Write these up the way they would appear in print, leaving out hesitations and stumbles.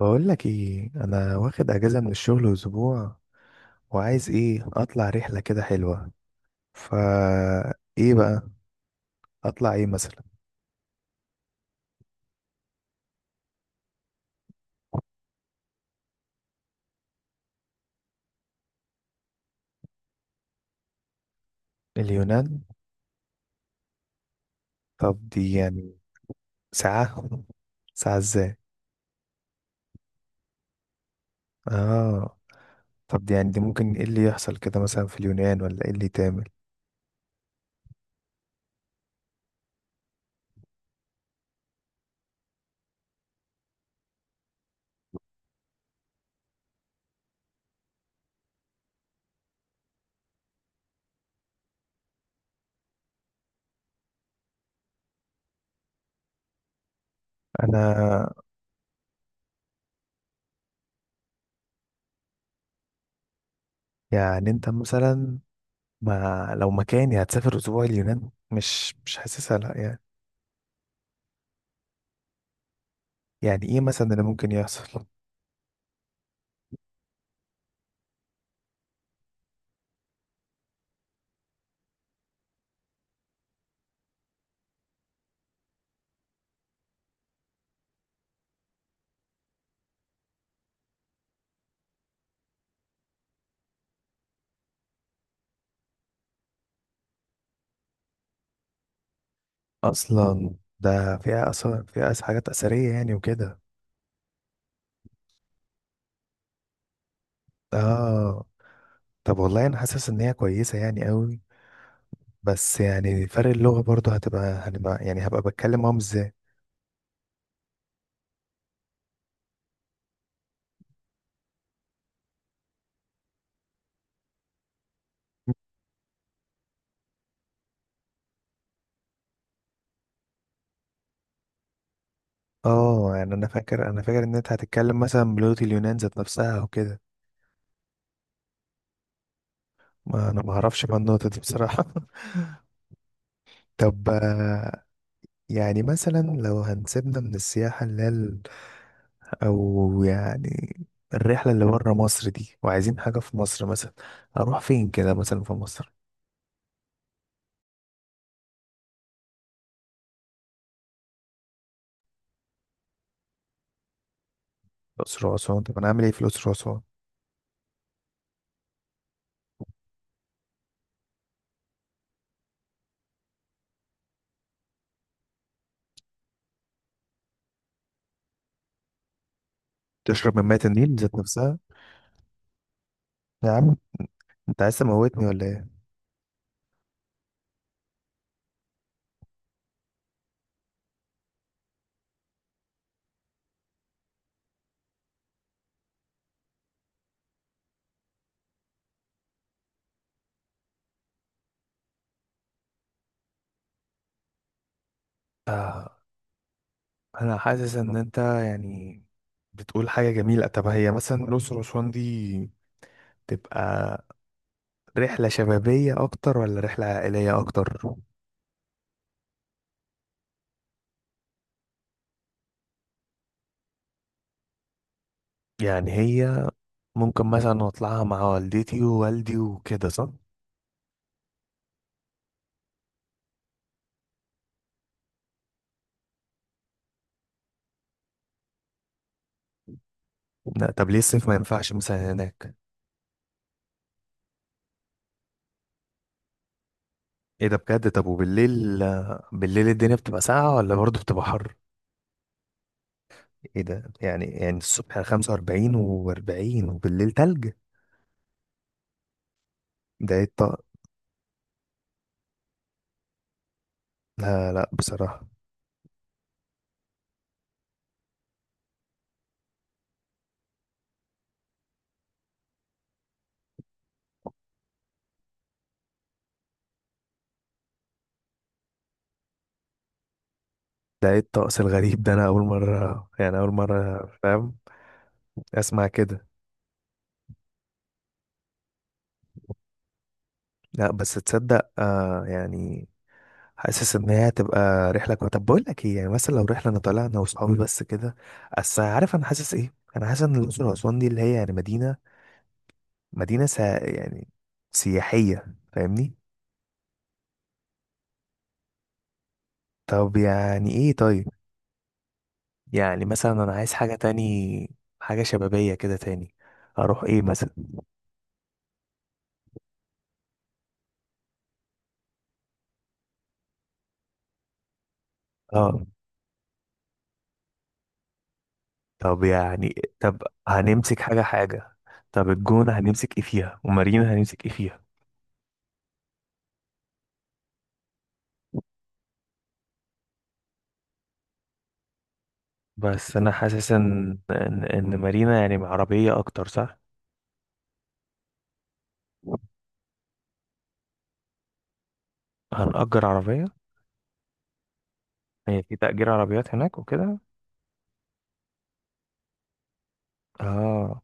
بقول لك ايه، انا واخد اجازه من الشغل اسبوع وعايز ايه اطلع رحله كده حلوه. فا ايه بقى اطلع ايه مثلا؟ اليونان؟ طب دي يعني، ساعه، ساعه ازاي؟ اه. طب دي يعني دي ممكن ايه اللي يحصل كده مثلا في اليونان، ولا ايه اللي تعمل؟ انا، يعني انت مثلا، ما لو مكاني هتسافر اسبوع اليونان مش حاسسها، لا يعني. يعني ايه مثلا اللي ممكن يحصل؟ اصلا ده فيها اثار، فيها حاجات اثريه يعني وكده. اه. طب والله انا حاسس ان هي كويسه يعني قوي، بس يعني فرق اللغه برضه هتبقى هنبقى يعني هبقى بتكلم معاهم ازاي؟ اه. يعني انا فاكر ان انت هتتكلم مثلا بلغه اليونان ذات نفسها او كده. ما انا ما اعرفش بقى النقطه دي بصراحه. طب يعني مثلا لو هنسيبنا من السياحه اللي هي او يعني الرحله اللي بره مصر دي وعايزين حاجه في مصر مثلا. اروح فين كده مثلا في مصر؟ الاقصر واسوان. طب انا اعمل ايه في الاقصر واسوان؟ تشرب من مية النيل ذات نفسها؟ يا عم انت عايز تموتني ولا ايه؟ آه، أنا حاسس إن أنت يعني بتقول حاجة جميلة. طب هي مثلا الأقصر وأسوان دي تبقى رحلة شبابية أكتر ولا رحلة عائلية أكتر؟ يعني هي ممكن مثلا أطلعها مع والدتي ووالدي وكده، صح؟ لا طب ليه الصيف ما ينفعش مثلا هناك؟ إيه ده بجد؟ طب وبالليل الدنيا بتبقى ساقعة ولا برضه بتبقى حر؟ إيه ده؟ يعني الصبح 45 و40 وبالليل تلج! ده إيه الطقم؟ لا لا بصراحة. ده ايه الطقس الغريب ده؟ انا اول مرة، يعني اول مرة فاهم، اسمع كده. لا بس تصدق، آه يعني حاسس ان هي هتبقى رحلة كويسة. طب بقول لك ايه، يعني مثلا لو رحلة انا طالع انا واصحابي بس كده. اصل عارف انا حاسس ايه، انا حاسس ان الاقصر واسوان دي اللي هي يعني مدينة يعني سياحية، فاهمني. طب يعني ايه؟ طيب يعني مثلا انا عايز حاجة تاني، حاجة شبابية كده تاني، اروح ايه مثلا؟ اه. طب يعني طب هنمسك حاجة حاجة. طب الجونة هنمسك ايه فيها ومارينا هنمسك ايه فيها؟ بس انا حاسس إن مارينا يعني مع عربية اكتر، صح؟ هنأجر عربية؟ هي في تأجير عربيات هناك وكده؟ اه،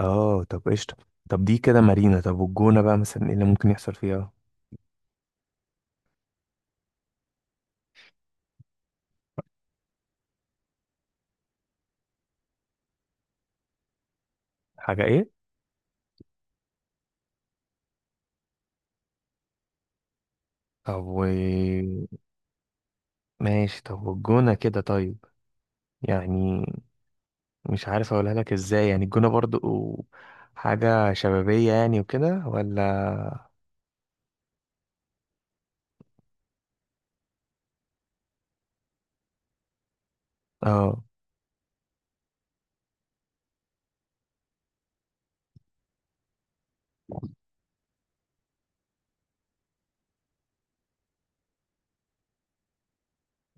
اه. طب قشطة. طب دي كده مارينا. طب والجونة بقى مثلا ايه اللي ممكن يحصل فيها؟ حاجة ايه؟ طب و ماشي. طب والجونة كده طيب. يعني مش عارف اقولها لك ازاي. يعني الجونة برضو حاجة شبابية يعني وكده ولا؟ اه.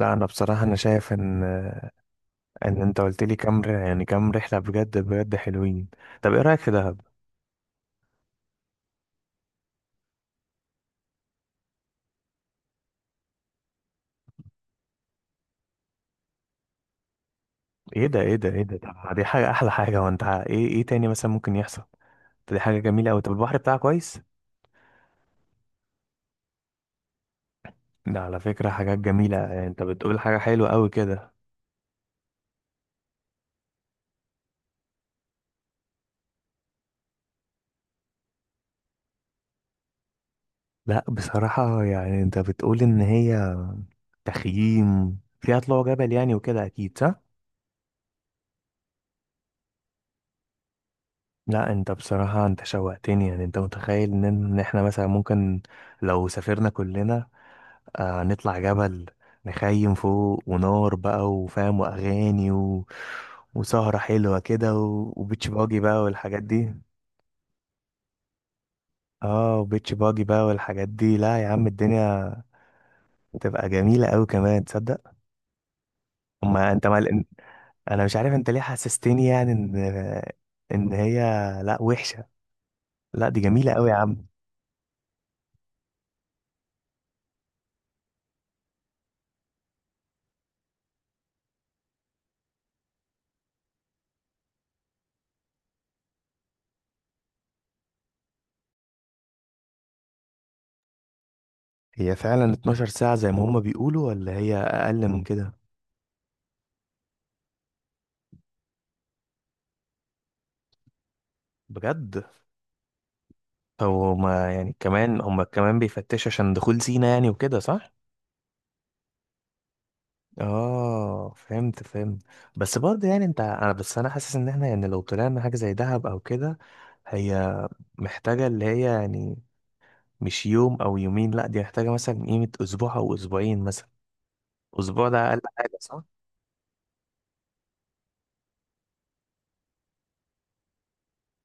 لا انا بصراحه انا شايف ان انت قلت لي كام يعني كام رحله بجد بجد حلوين. طب ايه رايك في دهب؟ ايه ده، ايه ده، ايه ده! طب ما دي حاجه، احلى حاجه. وانت ايه، ايه تاني مثلا ممكن يحصل؟ طب دي حاجه جميله قوي. طب البحر بتاعها كويس؟ ده على فكره حاجات جميله يعني، انت بتقول حاجه حلوه قوي كده. لا بصراحه يعني انت بتقول ان هي تخييم فيها طلوع جبل يعني وكده، اكيد صح. لا انت بصراحه انت شوقتني. يعني انت متخيل إن احنا مثلا ممكن لو سافرنا كلنا، آه، نطلع جبل، نخيم فوق، ونار بقى وفاهم واغاني وسهرة حلوة كده وبيتش باجي بقى والحاجات دي. اه وبيتش باجي بقى والحاجات دي. لا يا عم، الدنيا تبقى جميلة قوي كمان، تصدق؟ اما انت انا مش عارف انت ليه حسستني يعني ان هي لا وحشة. لا دي جميلة قوي يا عم. هي فعلا 12 ساعة زي ما هما بيقولوا، ولا هي اقل من كده؟ بجد؟ هو هما يعني كمان هما كمان بيفتشوا عشان دخول زينة يعني وكده، صح؟ اه فهمت فهمت. بس برضه يعني انت انا بس انا حاسس ان احنا يعني لو طلعنا حاجة زي دهب او كده. هي محتاجة اللي هي يعني مش يوم او يومين، لا دي محتاجة مثلا قيمة اسبوع او اسبوعين مثلا. اسبوع ده اقل حاجة، صح؟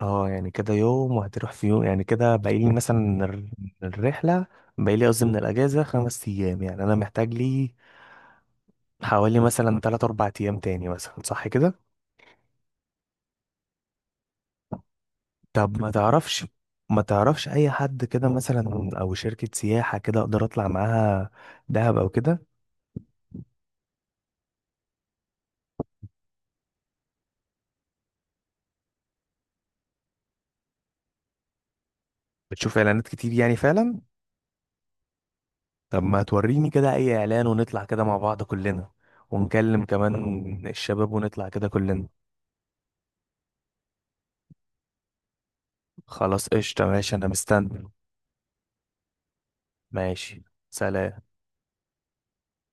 اه يعني كده يوم وهتروح في يوم. يعني كده باقيلي مثلا من الرحلة، باقيلي قصدي من الأجازة 5 أيام. يعني أنا محتاج لي حوالي مثلا تلات أربع أيام تاني مثلا، صح كده؟ طب ما تعرفش اي حد كده مثلا او شركة سياحة كده اقدر اطلع معاها دهب او كده؟ بتشوف اعلانات كتير يعني فعلا؟ طب ما توريني كده اي اعلان، ونطلع كده مع بعض كلنا ونكلم كمان الشباب ونطلع كده كلنا. خلاص قشطة ماشي انا مستني. ماشي. سلام.